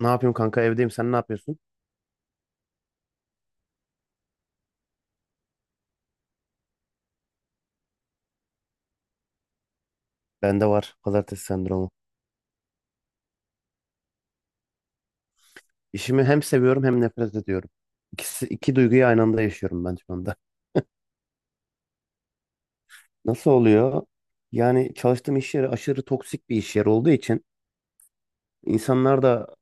Ne yapıyorum kanka, evdeyim, sen ne yapıyorsun? Bende var pazartesi sendromu. İşimi hem seviyorum hem nefret ediyorum. İkisi, iki duyguyu aynı anda yaşıyorum ben şu anda. Nasıl oluyor? Yani çalıştığım iş yeri aşırı toksik bir iş yeri olduğu için insanlar da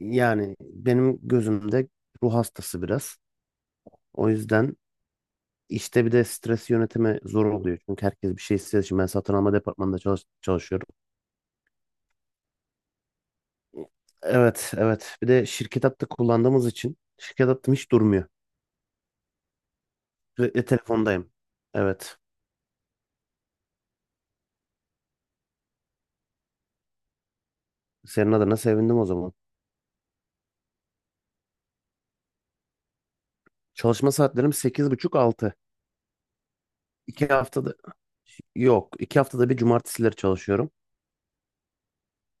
yani benim gözümde ruh hastası biraz. O yüzden işte bir de stres yönetimi zor oluyor. Çünkü herkes bir şey istediği için ben satın alma departmanında çalışıyorum. Evet, evet, bir de şirket hattı kullandığımız için şirket hattım hiç durmuyor. Sürekli telefondayım. Evet. Senin adına sevindim o zaman. Çalışma saatlerim sekiz buçuk altı. İki haftada yok. İki haftada bir cumartesileri çalışıyorum.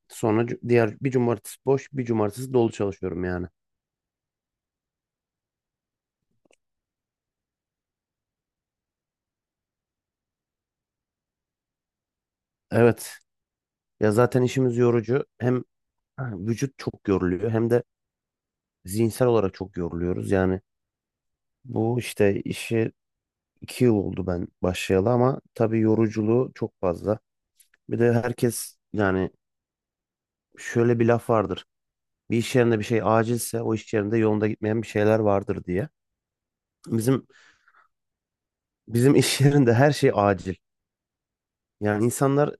Sonra diğer bir cumartesi boş, bir cumartesi dolu çalışıyorum yani. Evet. Ya zaten işimiz yorucu. Hem vücut çok yoruluyor hem de zihinsel olarak çok yoruluyoruz. Yani bu işte işi 2 yıl oldu ben başlayalı ama tabii yoruculuğu çok fazla. Bir de herkes yani şöyle bir laf vardır. Bir iş yerinde bir şey acilse o iş yerinde yolunda gitmeyen bir şeyler vardır diye. Bizim bizim iş yerinde her şey acil. Yani insanlar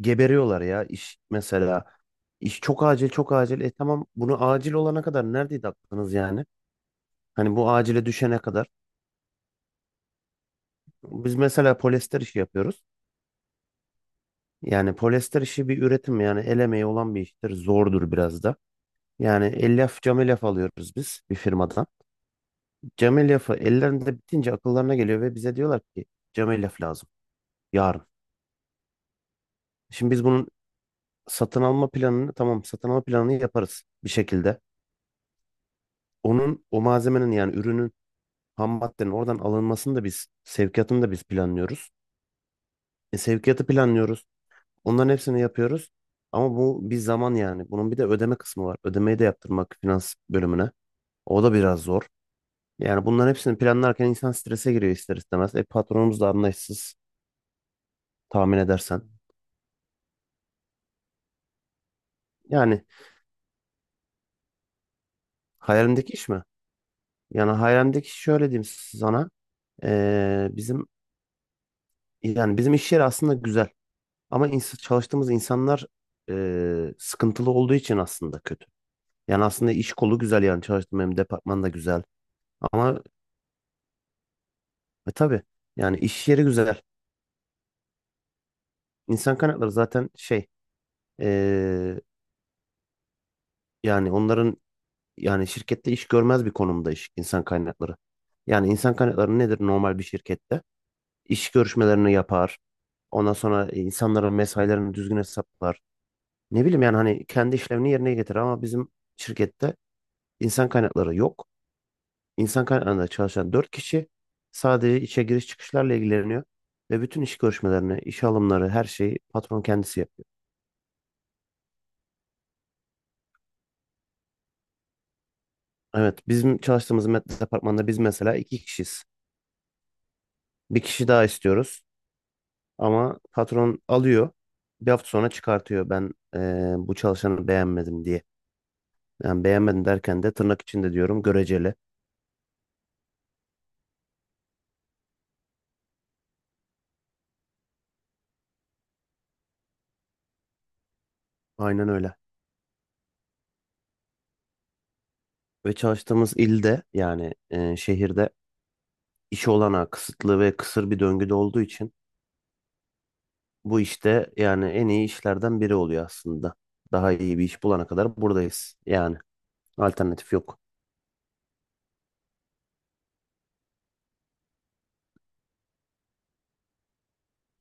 geberiyorlar ya iş mesela. İş çok acil çok acil. E tamam, bunu acil olana kadar neredeydi aklınız yani? Hani bu acile düşene kadar. Biz mesela polyester işi yapıyoruz. Yani polyester işi bir üretim, yani el emeği olan bir iştir. Zordur biraz da. Yani cam elyaf alıyoruz biz bir firmadan. Cam elyafı ellerinde bitince akıllarına geliyor ve bize diyorlar ki cam elyaf lazım yarın. Şimdi biz bunun satın alma planını yaparız bir şekilde. Onun o malzemenin, yani ürünün, ham maddenin oradan alınmasını da biz, sevkiyatını da biz planlıyoruz. E, sevkiyatı planlıyoruz. Onların hepsini yapıyoruz. Ama bu bir zaman yani. Bunun bir de ödeme kısmı var. Ödemeyi de yaptırmak finans bölümüne. O da biraz zor. Yani bunların hepsini planlarken insan strese giriyor ister istemez. E patronumuz da anlayışsız, tahmin edersen. Yani hayalimdeki iş mi? Yani hayalimdeki iş şöyle diyeyim sana. Bizim Yani bizim iş yeri aslında güzel ama çalıştığımız insanlar sıkıntılı olduğu için aslında kötü. Yani aslında iş kolu güzel, yani çalıştığım benim departman da güzel ama tabii yani iş yeri güzel. İnsan kaynakları zaten şey e, yani onların, yani şirkette iş görmez bir konumda iş insan kaynakları. Yani insan kaynakları nedir normal bir şirkette? İş görüşmelerini yapar. Ondan sonra insanların mesailerini düzgün hesaplar. Ne bileyim yani, hani kendi işlevini yerine getirir ama bizim şirkette İnsan kaynakları yok. İnsan kaynaklarında çalışan 4 kişi sadece işe giriş çıkışlarla ilgileniyor. Ve bütün iş görüşmelerini, iş alımları, her şeyi patron kendisi yapıyor. Evet, bizim çalıştığımız departmanda biz mesela iki kişiyiz. Bir kişi daha istiyoruz ama patron alıyor. Bir hafta sonra çıkartıyor ben, bu çalışanı beğenmedim diye. Yani beğenmedim derken de tırnak içinde diyorum, göreceli. Aynen öyle. Ve çalıştığımız ilde, yani şehirde iş olanağı kısıtlı ve kısır bir döngüde olduğu için bu işte yani en iyi işlerden biri oluyor aslında. Daha iyi bir iş bulana kadar buradayız. Yani alternatif yok.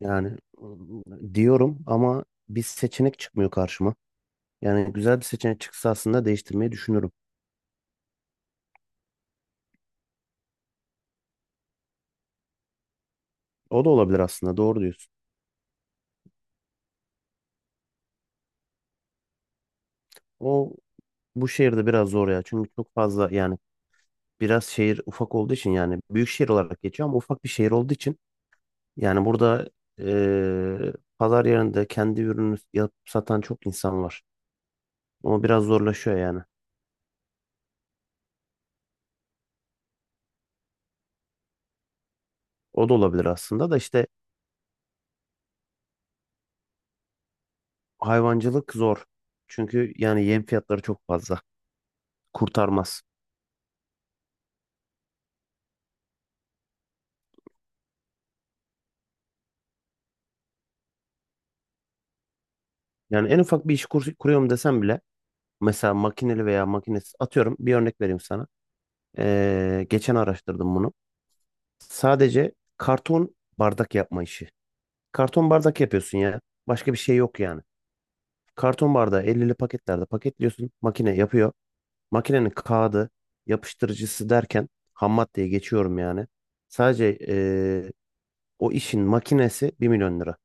Yani diyorum ama bir seçenek çıkmıyor karşıma. Yani güzel bir seçenek çıksa aslında değiştirmeyi düşünürüm. O da olabilir aslında, doğru diyorsun. O bu şehirde biraz zor ya. Çünkü çok fazla yani, biraz şehir ufak olduğu için, yani büyük şehir olarak geçiyor ama ufak bir şehir olduğu için yani burada pazar yerinde kendi ürünü yapıp satan çok insan var. Ama biraz zorlaşıyor yani. O da olabilir aslında da işte hayvancılık zor. Çünkü yani yem fiyatları çok fazla. Kurtarmaz. Yani en ufak bir iş kuruyorum desem bile mesela makineli veya makinesiz, atıyorum bir örnek vereyim sana. Geçen araştırdım bunu. Sadece karton bardak yapma işi. Karton bardak yapıyorsun ya. Başka bir şey yok yani. Karton bardağı 50'li paketlerde paketliyorsun. Makine yapıyor. Makinenin kağıdı, yapıştırıcısı derken ham maddeye geçiyorum yani. Sadece, o işin makinesi 1 milyon lira.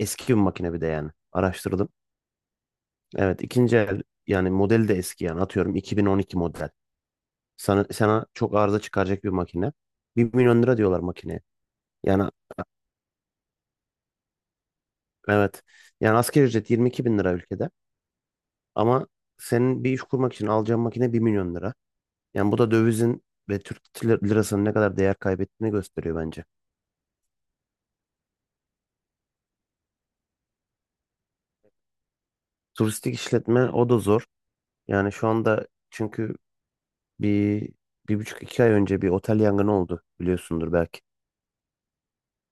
Eski bir makine bir de yani. Araştırdım. Evet, ikinci el, yani modeli de eski, yani atıyorum 2012 model. Sana çok arıza çıkaracak bir makine. 1 milyon lira diyorlar makineye. Yani evet, yani asgari ücret 22 bin lira ülkede. Ama senin bir iş kurmak için alacağın makine 1 milyon lira. Yani bu da dövizin ve Türk lirasının ne kadar değer kaybettiğini gösteriyor bence. Turistik işletme o da zor. Yani şu anda çünkü Bir, bir buçuk iki ay önce bir otel yangını oldu biliyorsundur belki.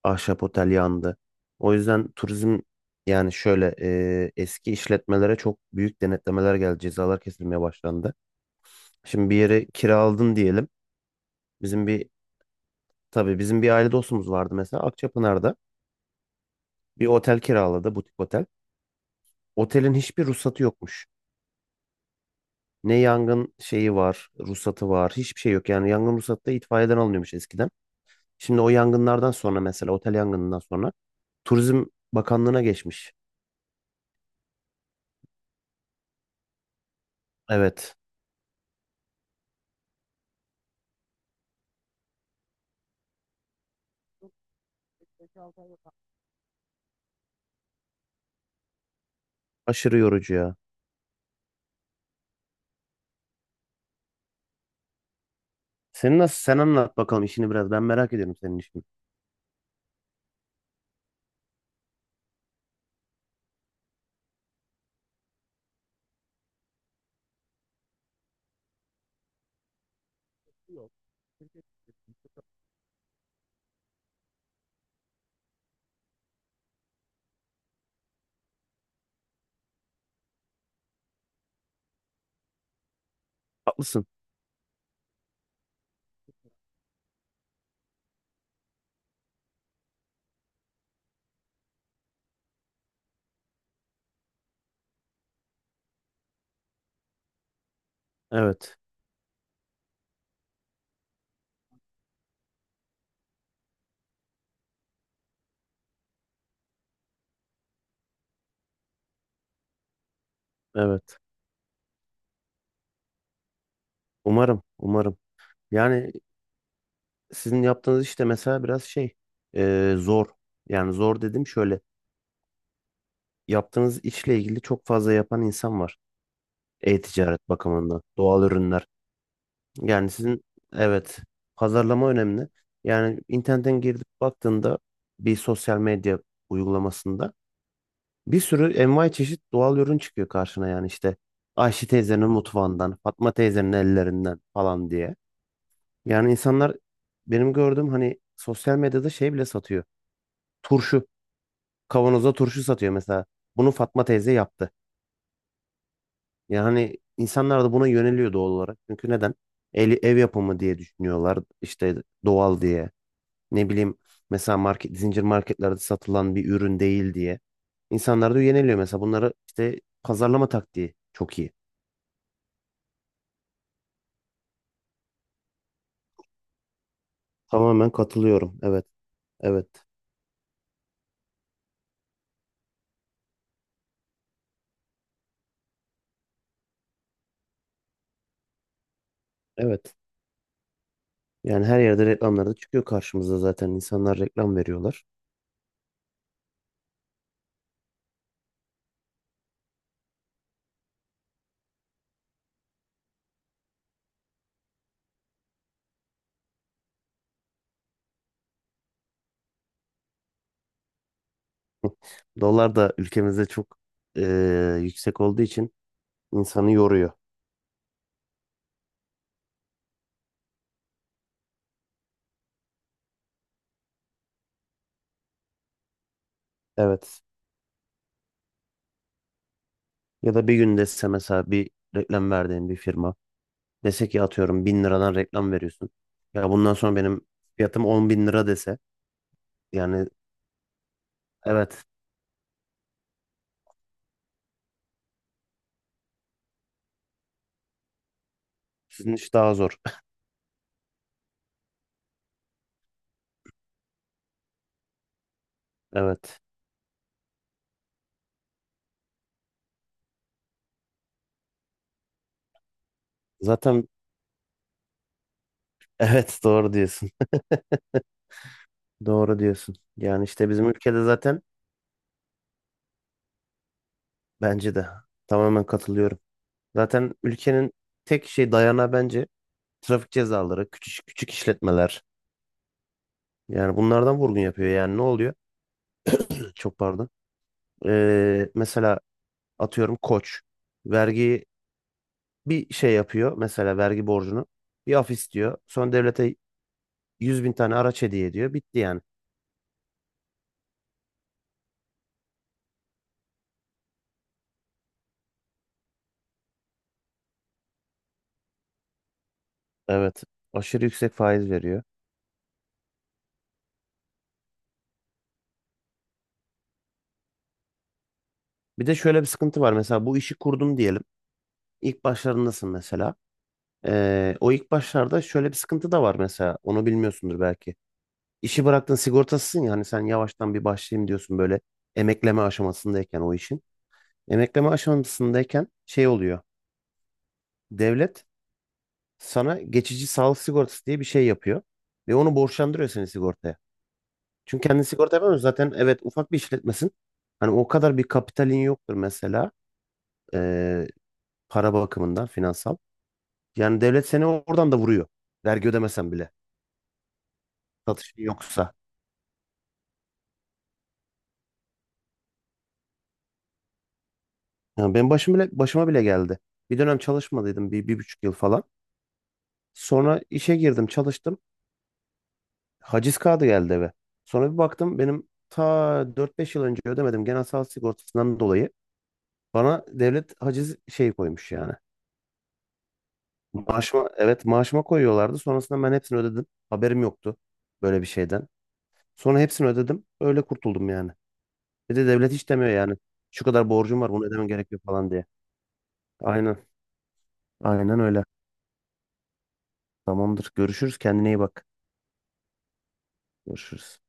Ahşap otel yandı. O yüzden turizm yani şöyle eski işletmelere çok büyük denetlemeler geldi. Cezalar kesilmeye başlandı. Şimdi bir yeri kiraladın diyelim. Bizim bir tabii bizim bir aile dostumuz vardı mesela Akçapınar'da. Bir otel kiraladı, butik otel. Otelin hiçbir ruhsatı yokmuş. Ne yangın şeyi var, ruhsatı var, hiçbir şey yok. Yani yangın ruhsatı da itfaiyeden alınıyormuş eskiden. Şimdi o yangınlardan sonra, mesela otel yangınından sonra Turizm Bakanlığı'na geçmiş. Evet. Aşırı yorucu ya. Senin nasıl? Sen anlat bakalım işini biraz. Ben merak ediyorum senin işini. Haklısın. Evet. Evet. Umarım. Umarım. Yani sizin yaptığınız işte mesela biraz şey, zor. Yani zor dedim şöyle. Yaptığınız işle ilgili çok fazla yapan insan var. E-ticaret bakımından. Doğal ürünler. Yani sizin, evet, pazarlama önemli. Yani internetten girip baktığında bir sosyal medya uygulamasında bir sürü envai çeşit doğal ürün çıkıyor karşına yani işte Ayşe teyzenin mutfağından, Fatma teyzenin ellerinden falan diye. Yani insanlar, benim gördüğüm, hani sosyal medyada şey bile satıyor. Turşu, kavanoza turşu satıyor mesela. Bunu Fatma teyze yaptı. Yani insanlar da buna yöneliyor doğal olarak. Çünkü neden? Ev yapımı diye düşünüyorlar, işte doğal diye. Ne bileyim, mesela zincir marketlerde satılan bir ürün değil diye. İnsanlar da yöneliyor mesela, bunları işte pazarlama taktiği çok iyi. Tamamen katılıyorum. Evet. Evet. Evet. Yani her yerde reklamlarda çıkıyor karşımıza zaten. İnsanlar reklam veriyorlar. Dolar da ülkemizde çok yüksek olduğu için insanı yoruyor. Evet. Ya da bir gün dese mesela bir reklam verdiğin bir firma dese ki atıyorum bin liradan reklam veriyorsun. Ya bundan sonra benim fiyatım 10.000 lira dese, yani evet, sizin iş daha zor. Evet. Zaten evet doğru diyorsun. Doğru diyorsun. Yani işte bizim ülkede zaten, bence de tamamen katılıyorum. Zaten ülkenin tek şey dayanağı bence trafik cezaları, küçük küçük işletmeler. Yani bunlardan vurgun yapıyor. Yani ne oluyor? Çok pardon. Mesela atıyorum Koç vergi bir şey yapıyor. Mesela vergi borcunu bir af istiyor. Sonra devlete 100.000 tane araç hediye ediyor. Bitti yani. Evet. Aşırı yüksek faiz veriyor. Bir de şöyle bir sıkıntı var. Mesela bu işi kurdum diyelim. İlk başlarındasın mesela. O ilk başlarda şöyle bir sıkıntı da var mesela. Onu bilmiyorsundur belki. İşi bıraktın sigortasısın ya, hani sen yavaştan bir başlayayım diyorsun böyle, emekleme aşamasındayken o işin. Emekleme aşamasındayken şey oluyor. Devlet sana geçici sağlık sigortası diye bir şey yapıyor. Ve onu borçlandırıyor seni sigortaya. Çünkü kendin sigorta yapamıyorsun. Zaten, evet, ufak bir işletmesin. Hani o kadar bir kapitalin yoktur mesela. ee, para bakımından finansal. Yani devlet seni oradan da vuruyor. Vergi ödemesen bile, satışın yoksa. Yani benim başıma bile geldi. Bir dönem çalışmadıydım bir, bir buçuk yıl falan. Sonra işe girdim, çalıştım. Haciz kağıdı geldi eve. Sonra bir baktım, benim ta 4-5 yıl önce ödemedim genel sağlık sigortasından dolayı. Bana devlet haciz şeyi koymuş yani. Maaşıma, evet, maaşıma koyuyorlardı. Sonrasında ben hepsini ödedim. Haberim yoktu böyle bir şeyden. Sonra hepsini ödedim. Öyle kurtuldum yani. Bir de devlet hiç demiyor yani. Şu kadar borcum var bunu ödemen gerekiyor falan diye. Aynen. Aynen öyle. Tamamdır. Görüşürüz. Kendine iyi bak. Görüşürüz.